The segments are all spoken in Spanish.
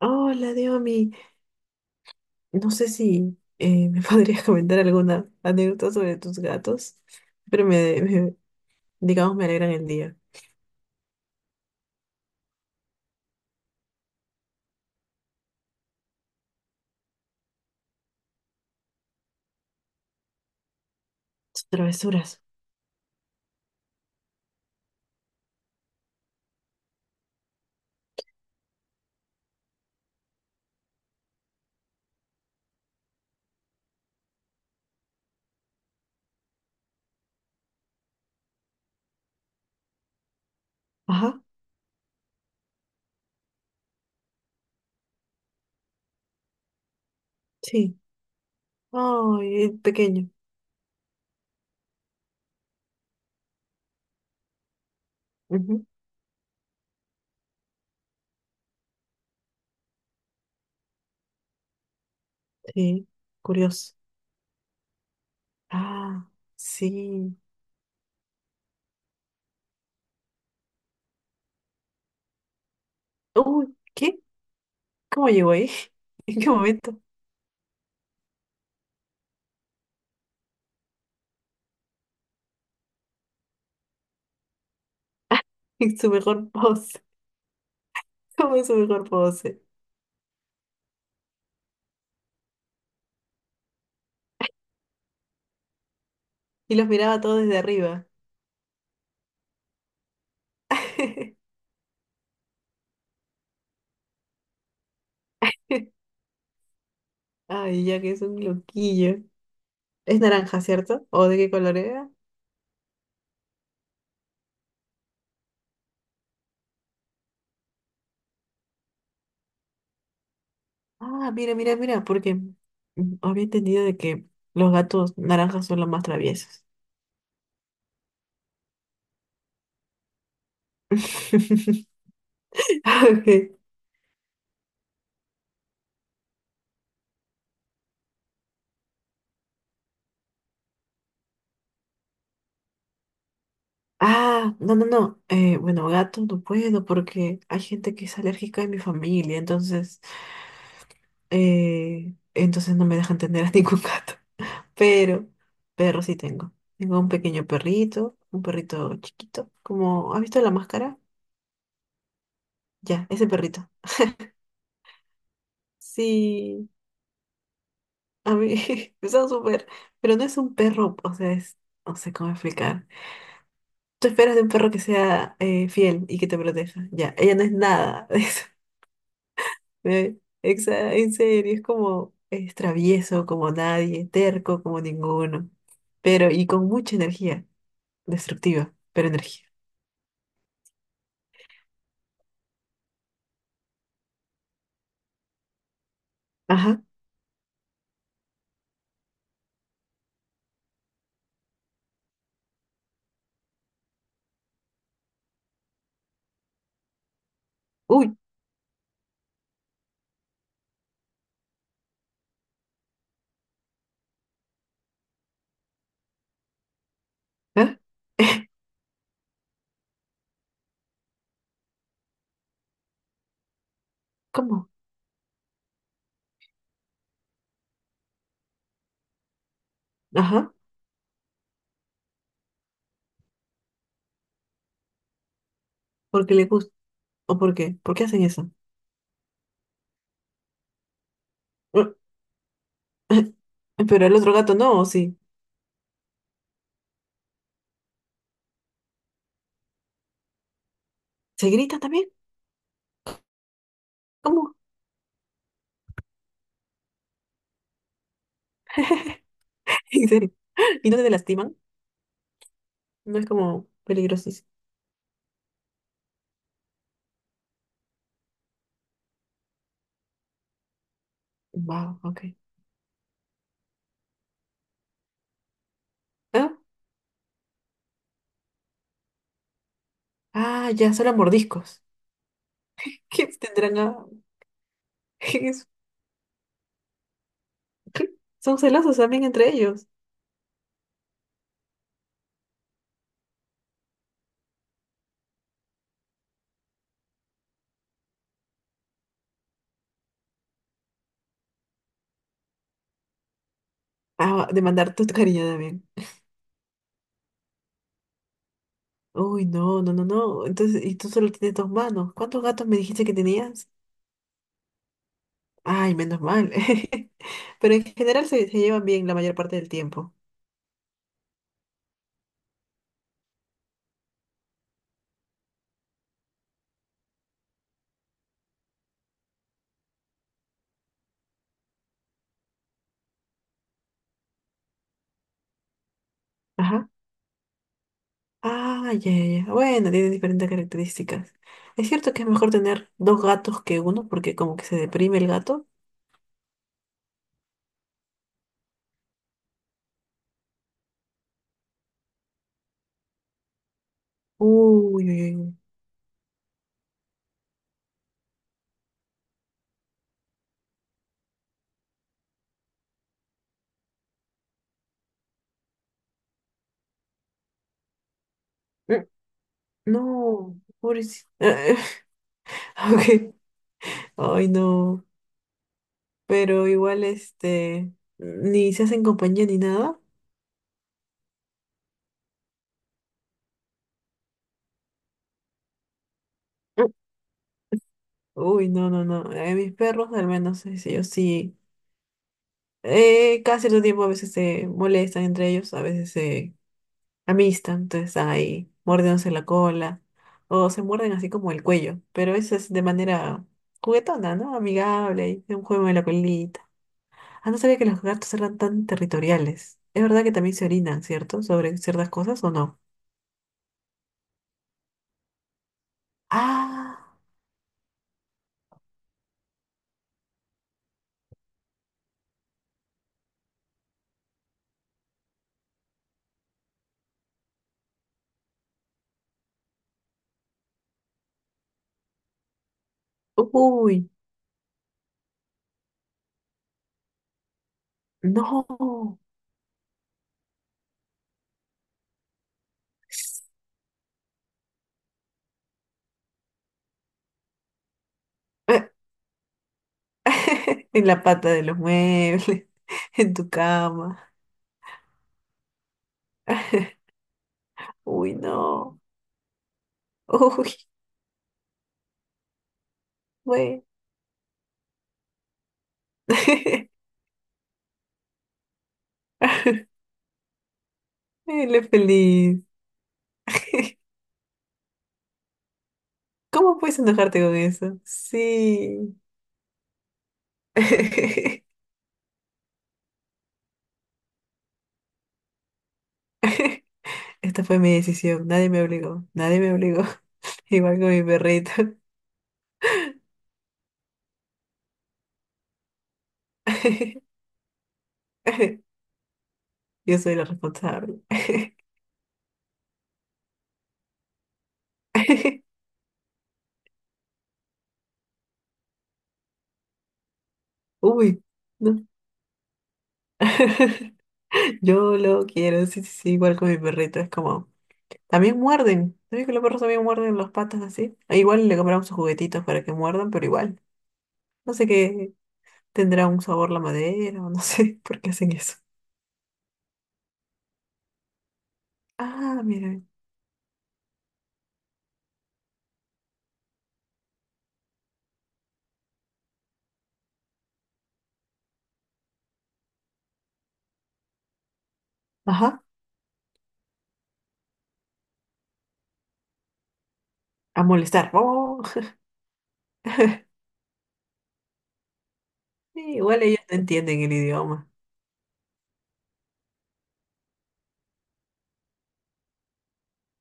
Hola, Diomi. No sé si me podrías comentar alguna anécdota sobre tus gatos, pero digamos, me alegran el día. Sus travesuras. Ajá, sí. Ay, el pequeño. Ujú. Sí, curioso. Ah, sí. Uy, ¿qué? ¿Cómo llegó ahí? ¿En qué momento? En su mejor pose. ¿Cómo en su mejor pose? Y los miraba todos desde arriba. Ay, ya que es un loquillo. Es naranja, ¿cierto? ¿O de qué color era? Ah, mira, mira, mira, porque había entendido de que los gatos naranjas son los más traviesos. Ah, ok. Ah, no, no, no. Bueno, gatos no puedo porque hay gente que es alérgica en mi familia, entonces, entonces no me dejan tener a ningún gato. Pero perro sí tengo. Tengo un pequeño perrito, un perrito chiquito. Como, ¿has visto la máscara? Ya, ese perrito. Sí. A mí me está súper, pero no es un perro, o sea, es, no sé cómo explicar. Tú esperas de un perro que sea fiel y que te proteja. Ya, ella no es nada de eso. Eh, En serio, es como, es travieso como nadie, terco como ninguno, pero y con mucha energía, destructiva, pero energía. Ajá. Uy, ¿eh? ¿Cómo? Ajá. Porque le gusta. ¿O por qué? ¿Por qué hacen eso? Pero el otro gato no, ¿o sí? ¿Se grita también? ¿Cómo? En serio. ¿Y no te lastiman? No es como peligrosísimo. Wow, ok. ¿Ah? Ah, ya, solo mordiscos. ¿Qué tendrán a...? es- Son celosos también entre ellos. Ah, de mandar tu cariño también. Uy, no, no, no, no. Entonces, y tú solo tienes dos manos. ¿Cuántos gatos me dijiste que tenías? Ay, menos mal. Pero en general se llevan bien la mayor parte del tiempo. Ajá. Ah, ya, ya. Ya. Bueno, tiene diferentes características. Es cierto que es mejor tener dos gatos que uno, porque como que se deprime el gato. Uy, uy, uy. Mm. No, pobrecito. Ok. Ay, no. Pero igual, este, ni se hacen compañía ni nada. Mm. Uy, no, no, no. Mis perros, al menos, ellos sí. Cada cierto tiempo a veces se molestan entre ellos, a veces se amistad, entonces ahí mordiéndose la cola o se muerden así como el cuello, pero eso es de manera juguetona, ¿no? Amigable, y de un juego de la colita. Ah, no sabía que los gatos eran tan territoriales. Es verdad que también se orinan, ¿cierto? Sobre ciertas cosas o no. Ah, uy, no. Eh, en la pata de los muebles, en tu cama. Uy, no. Uy, güey. Él es feliz. ¿Cómo puedes enojarte con eso? Sí. Esta fue mi decisión. Nadie me obligó. Nadie me obligó. Igual con mi perrito. Yo soy la responsable. Uy, no. Yo lo quiero. Sí, sí, sí. Igual con mi perrito. Es como. También muerden. ¿Sabes que los perros también muerden las patas así? E igual le compramos sus juguetitos para que muerdan, pero igual. No sé qué tendrá un sabor la madera o no sé por qué hacen eso. Ah, mira. Ajá. A molestar. Oh, igual ellos no entienden el idioma.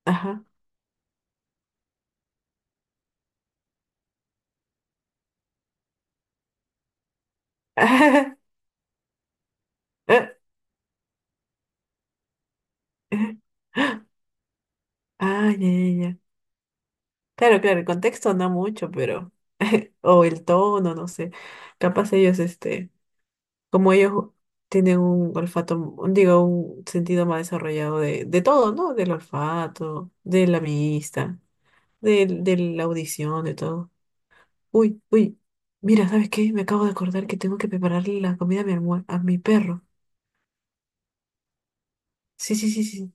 Ajá. Ah, ya, ya, ya. Claro, claro, el contexto no mucho, pero. O el tono, no sé. Capaz ellos, este, como ellos tienen un olfato, digo, un sentido más desarrollado de todo, ¿no? Del olfato, de la vista, de, la audición, de todo. Uy, uy. Mira, ¿sabes qué? Me acabo de acordar que tengo que prepararle la comida a mi a mi perro. Sí, sí, sí, sí.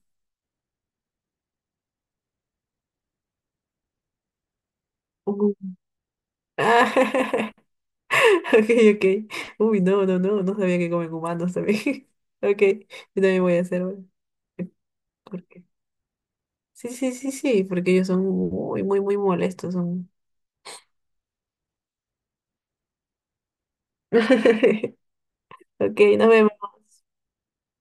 Uh. Ah, ok, ok. Uy, no, no, no, no sabía que comen humanos también. Ok, yo también voy a hacer una. ¿Por qué? Sí, sí, sí, sí, porque ellos son muy, muy, muy molestos. Son... Ok, nos vemos.